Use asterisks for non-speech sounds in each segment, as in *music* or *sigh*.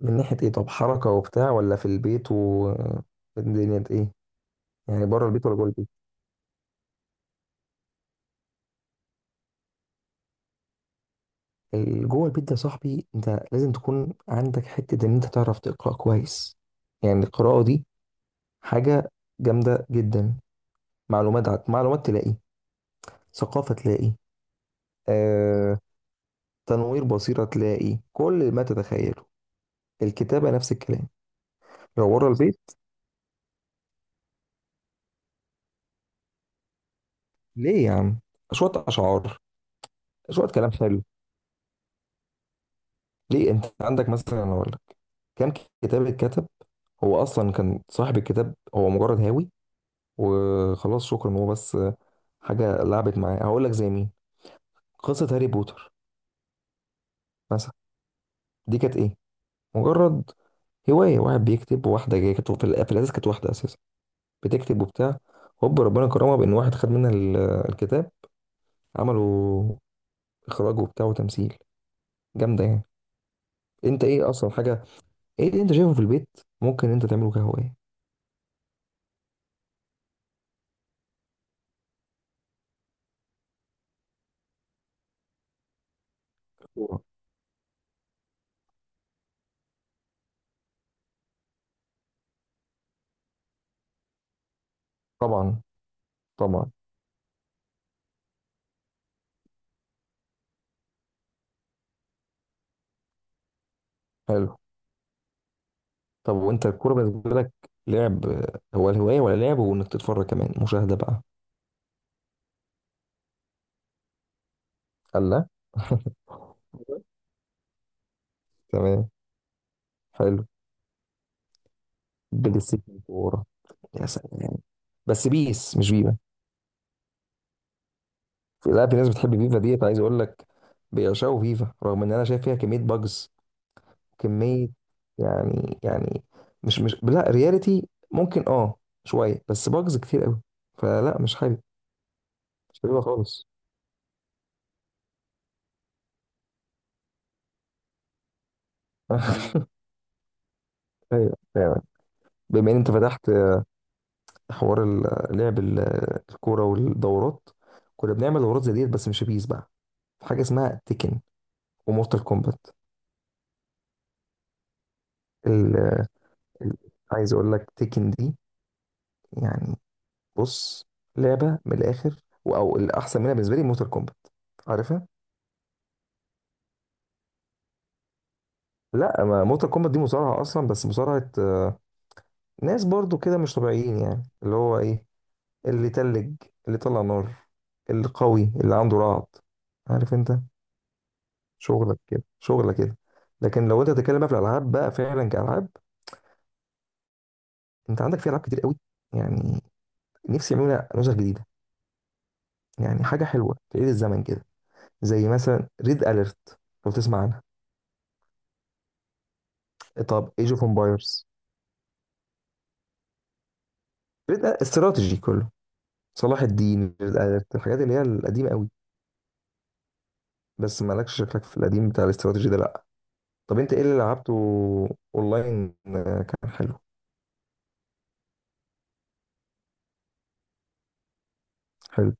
من ناحية ايه؟ طب حركة وبتاع، ولا في البيت و الدنيا دي ايه؟ يعني بره البيت ولا جوه البيت؟ جوه البيت ده يا صاحبي، انت لازم تكون عندك حتة ان انت تعرف تقرأ كويس. يعني القراءة دي حاجة جامدة جدا. معلومات تلاقي، ثقافة تلاقي، آه... تنوير بصيرة تلاقي، كل ما تتخيله. الكتابة نفس الكلام. لو بره البيت، ليه يا عم؟ شوية أشعار، شوية كلام حلو. ليه؟ انت عندك مثلا، انا اقول لك كام كتاب اتكتب، هو اصلا كان صاحب الكتاب هو مجرد هاوي وخلاص، شكرا. هو بس حاجه لعبت معاه. هقول لك زي مين؟ قصه هاري بوتر مثلا. دي كانت ايه؟ مجرد هوايه. واحد بيكتب وواحده جايه، كانت في الاساس كانت واحده اساسا بتكتب وبتاع، هوب ربنا كرمها بان واحد خد منها الكتاب، عملوا اخراج وبتاع وتمثيل. جامده يعني. انت ايه اصلا حاجه، ايه اللي انت شايفه في البيت ممكن انت تعمله كهوايه؟ طبعا. طبعا. حلو. طب وانت الكوره بالنسبه لك لعب، هو الهوايه، ولا لعب وانك تتفرج كمان، مشاهده بقى؟ الله. *laughs* تمام. حلو. بلاي ستيشن كوره؟ يا سلام! بس بيس مش فيفا. لا، في ناس بتحب فيفا ديت، عايز اقول لك. بيعشقوا فيفا رغم ان انا شايف فيها كميه باجز. كميه يعني يعني، مش لا رياليتي ممكن، اه شويه، بس باجز كتير قوي. فلا، مش حابب. مش حاببها خالص. *laughs* ايوه فعلا. بما ان انت فتحت حوار الكوره والدورات، كنا بنعمل دورات زي ديت بس مش بيس بقى. في حاجه اسمها تيكن ومورتال كومبات. ال... ال- عايز اقول لك تيكن دي يعني، بص، لعبه من الاخر، او الاحسن منها بالنسبه لي مورتال كومبات. عارفها؟ لا، ما مورتال كومبات دي مصارعه اصلا، بس مصارعه آه، ناس برضو كده مش طبيعيين، يعني اللي هو ايه، اللي تلج، اللي طلع نار، اللي قوي، اللي عنده رعد، عارف انت، شغلك كده شغلك كده. لكن لو انت بتتكلم بقى في الالعاب بقى فعلا كالعاب، انت عندك في العاب كتير قوي يعني. نفسي يعملوا نسخ جديده يعني، حاجه حلوه تعيد الزمن كده، زي مثلا ريد اليرت، لو تسمع عنها. طب ايج اوف امبايرز، ريد، استراتيجي كله، صلاح الدين، ريد اليرت، الحاجات اللي هي القديمه قوي. بس مالكش شكلك في القديم بتاع الاستراتيجي ده، لا. طب انت ايه اللي لعبته؟ اونلاين آه، كان حلو. حلو.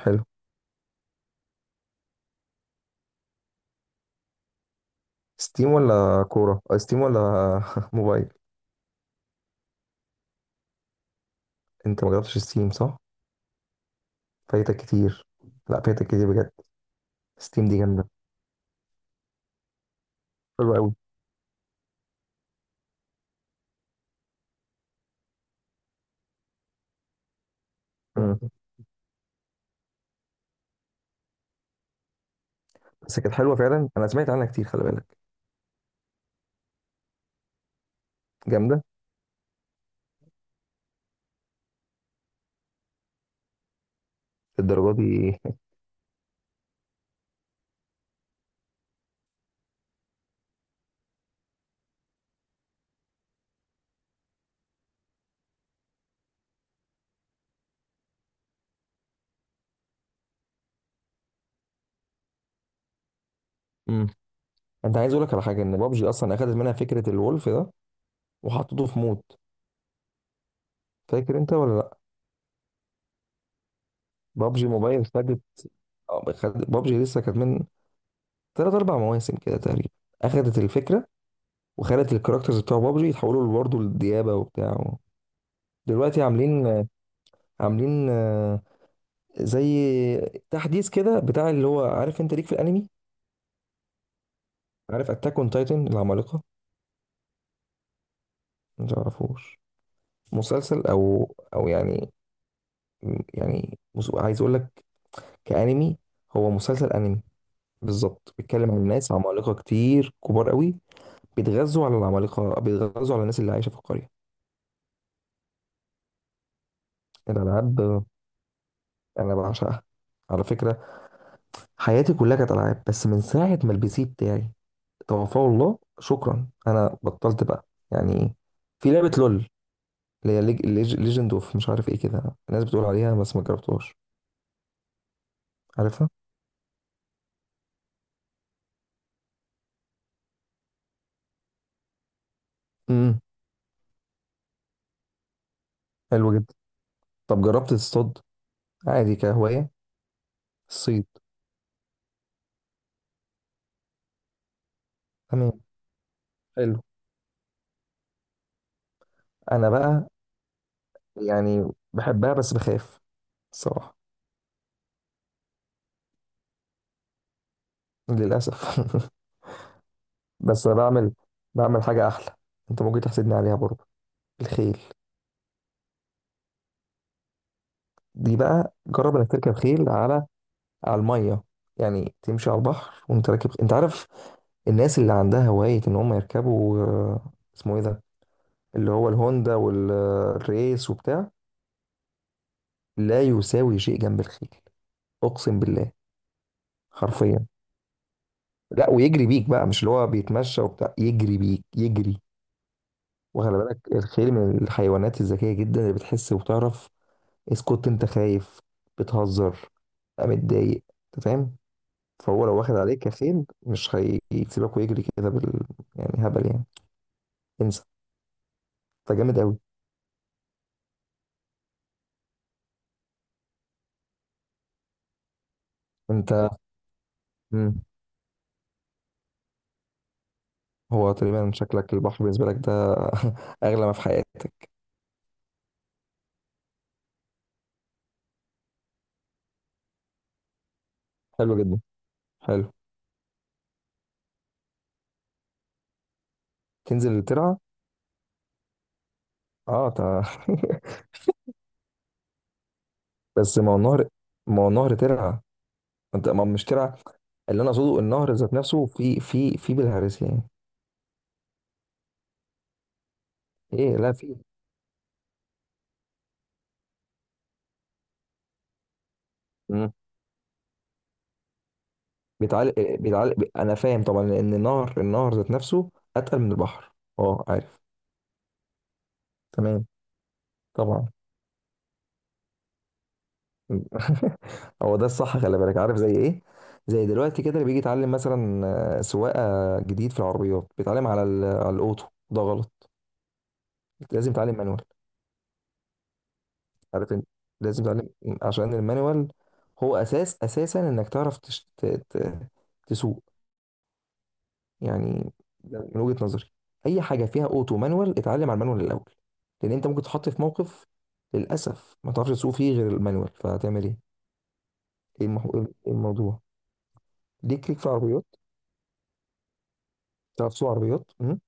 حلو. ستيم ولا كوره، آه، ستيم ولا *laughs* موبايل؟ انت ما جربتش ستيم، صح؟ فايتك كتير، لا فايتك كتير بجد. ستيم دي جامده، حلوه قوي. مم. بس كانت حلوه فعلا، انا سمعت عنها كتير، خلي بالك. جامده الدرجه دي. مم. *laughs* انت عايز اقول لك على حاجه، ان بابجي اصلا اخدت منها فكره الولف ده وحطته في مود. فاكر انت ولا لا؟ بابجي موبايل خدت، آه، بابجي لسه كانت من ثلاث اربع مواسم كده تقريبا، اخدت الفكره وخلت الكاركترز بتوع بابجي يتحولوا برضه للديابه وبتاع. دلوقتي عاملين آه، زي تحديث كده بتاع، اللي هو عارف انت ليك في الانمي، عارف اتاك اون تايتن، العمالقه؟ ما تعرفوش. مسلسل او يعني، يعني عايز اقول لك كانمي، هو مسلسل انمي بالظبط، بيتكلم عن ناس عمالقه كتير كبار قوي، بيتغذوا على العمالقه، بيتغذوا على الناس اللي عايشه في القريه. الالعاب انا بعشقها على فكره. حياتي كلها كانت العاب، بس من ساعه ما البي سي بتاعي توفاه الله شكرا، انا بطلت بقى يعني. في لعبه لول، اللي هي ليجند اوف مش عارف ايه كده، الناس بتقول عليها بس ما جربتهاش. عارفها؟ امم. حلو جدا. طب جربت تصطاد عادي كهواية الصيد؟ تمام. حلو. انا بقى يعني بحبها بس بخاف الصراحة. للأسف. *laughs* بس انا بعمل حاجة احلى، انت ممكن تحسدني عليها برضه. الخيل. دي بقى جرب انك تركب خيل على على المية، يعني تمشي على البحر وانت راكب. انت عارف الناس اللي عندها هواية ان هم يركبوا آه، اسمه ايه ده، اللي هو الهوندا والريس وبتاع؟ لا يساوي شيء جنب الخيل، اقسم بالله، حرفيا. لا ويجري بيك بقى، مش اللي هو بيتمشى وبتاع، يجري بيك يجري. وخلي بالك الخيل من الحيوانات الذكيه جدا، اللي بتحس وبتعرف. اسكت انت خايف، بتهزر، بقى متضايق، انت فاهم. فهو لو واخد عليك كخيل، مش هيسيبك ويجري كده بال، يعني هبل يعني، انسى. انت جامد قوي. انت مم. هو تقريبا شكلك البحر بالنسبه لك ده *laughs* اغلى ما في حياتك. حلو جدا. حلو. تنزل ترعى. اه تمام. *laughs* بس ما هو النهر، ما هو النهر ترعه. انت ما مش ترعه. اللي انا اقصده النهر ذات نفسه في بالهارس يعني. ايه، لا في. مم. انا فاهم طبعا، ان النهر، النهر ذات نفسه اتقل من البحر. اه عارف. تمام. طبعا. *laughs* هو ده الصح، خلي بالك، عارف زي ايه؟ زي دلوقتي كده اللي بيجي يتعلم مثلا آه، سواقه جديد في العربيات، بيتعلم على على الاوتو، ده غلط. لازم يتعلم مانوال. عارف إن لازم تتعلم، عشان المانيوال هو اساس، اساسا انك تعرف تسوق يعني. ده من وجهة نظري، اي حاجه فيها اوتو مانوال، اتعلم على المانوال الاول. لان انت ممكن تتحط في موقف للاسف ما تعرفش تسوق فيه غير المانوال، فهتعمل ايه؟ ايه المح... إيه الموضوع؟ ليك، ليك في عربيات تعرف تسوق عربيات أمم.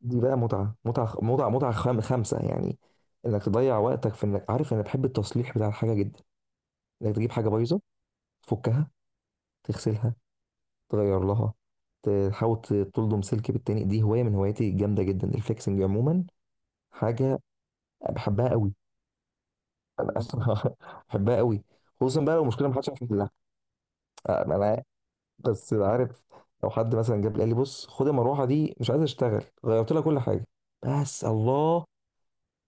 دي بقى متعه متعه متعه متعه، خمسه يعني. انك تضيع وقتك في انك، عارف، انا بحب التصليح بتاع الحاجه جدا، انك تجيب حاجه بايظه، تفكها، تغسلها، تغير لها، تحاول تلضم سلك بالتاني. دي هوايه من هواياتي الجامده جدا، الفليكسنج عموما. حاجه بحبها قوي. انا اصلا *laughs* بحبها قوي. خصوصا بقى لو مشكله محدش عارف يحلها. آه، ما انا عارف، بس عارف، لو حد مثلا جاب لي قال لي بص خد المروحه دي مش عايز اشتغل، غيرت لها كل حاجه، بس الله.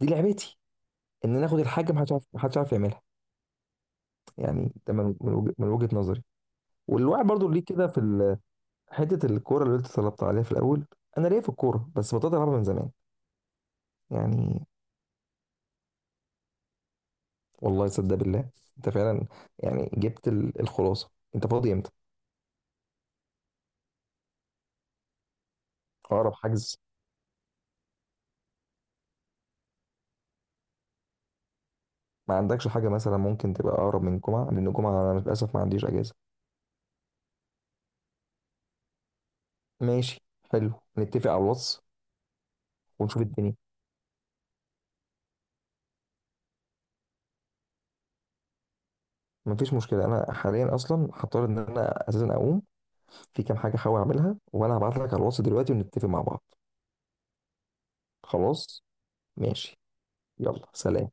دي لعبتي، ان انا اخد الحاجه محدش عارف، محدش عارف يعملها. يعني ده من وجهه نظري. والواحد برضو ليه كده في حته الكوره اللي انت طلبت عليها في الاول، انا ليا في الكوره بس بطلت العبها من زمان يعني. والله صدق بالله انت فعلا. يعني جبت الخلاصه، انت فاضي امتى؟ اقرب حجز. ما عندكش حاجه مثلا ممكن تبقى اقرب من الجمعه؟ لان الجمعه انا للاسف ما عنديش اجازه. ماشي. حلو. نتفق على الواتس ونشوف الدنيا. مفيش مشكله. انا حاليا اصلا هضطر ان انا اساسا اقوم، في كام حاجه هحاول اعملها، وانا هبعت لك على الواتس دلوقتي ونتفق مع بعض. خلاص ماشي. يلا سلام.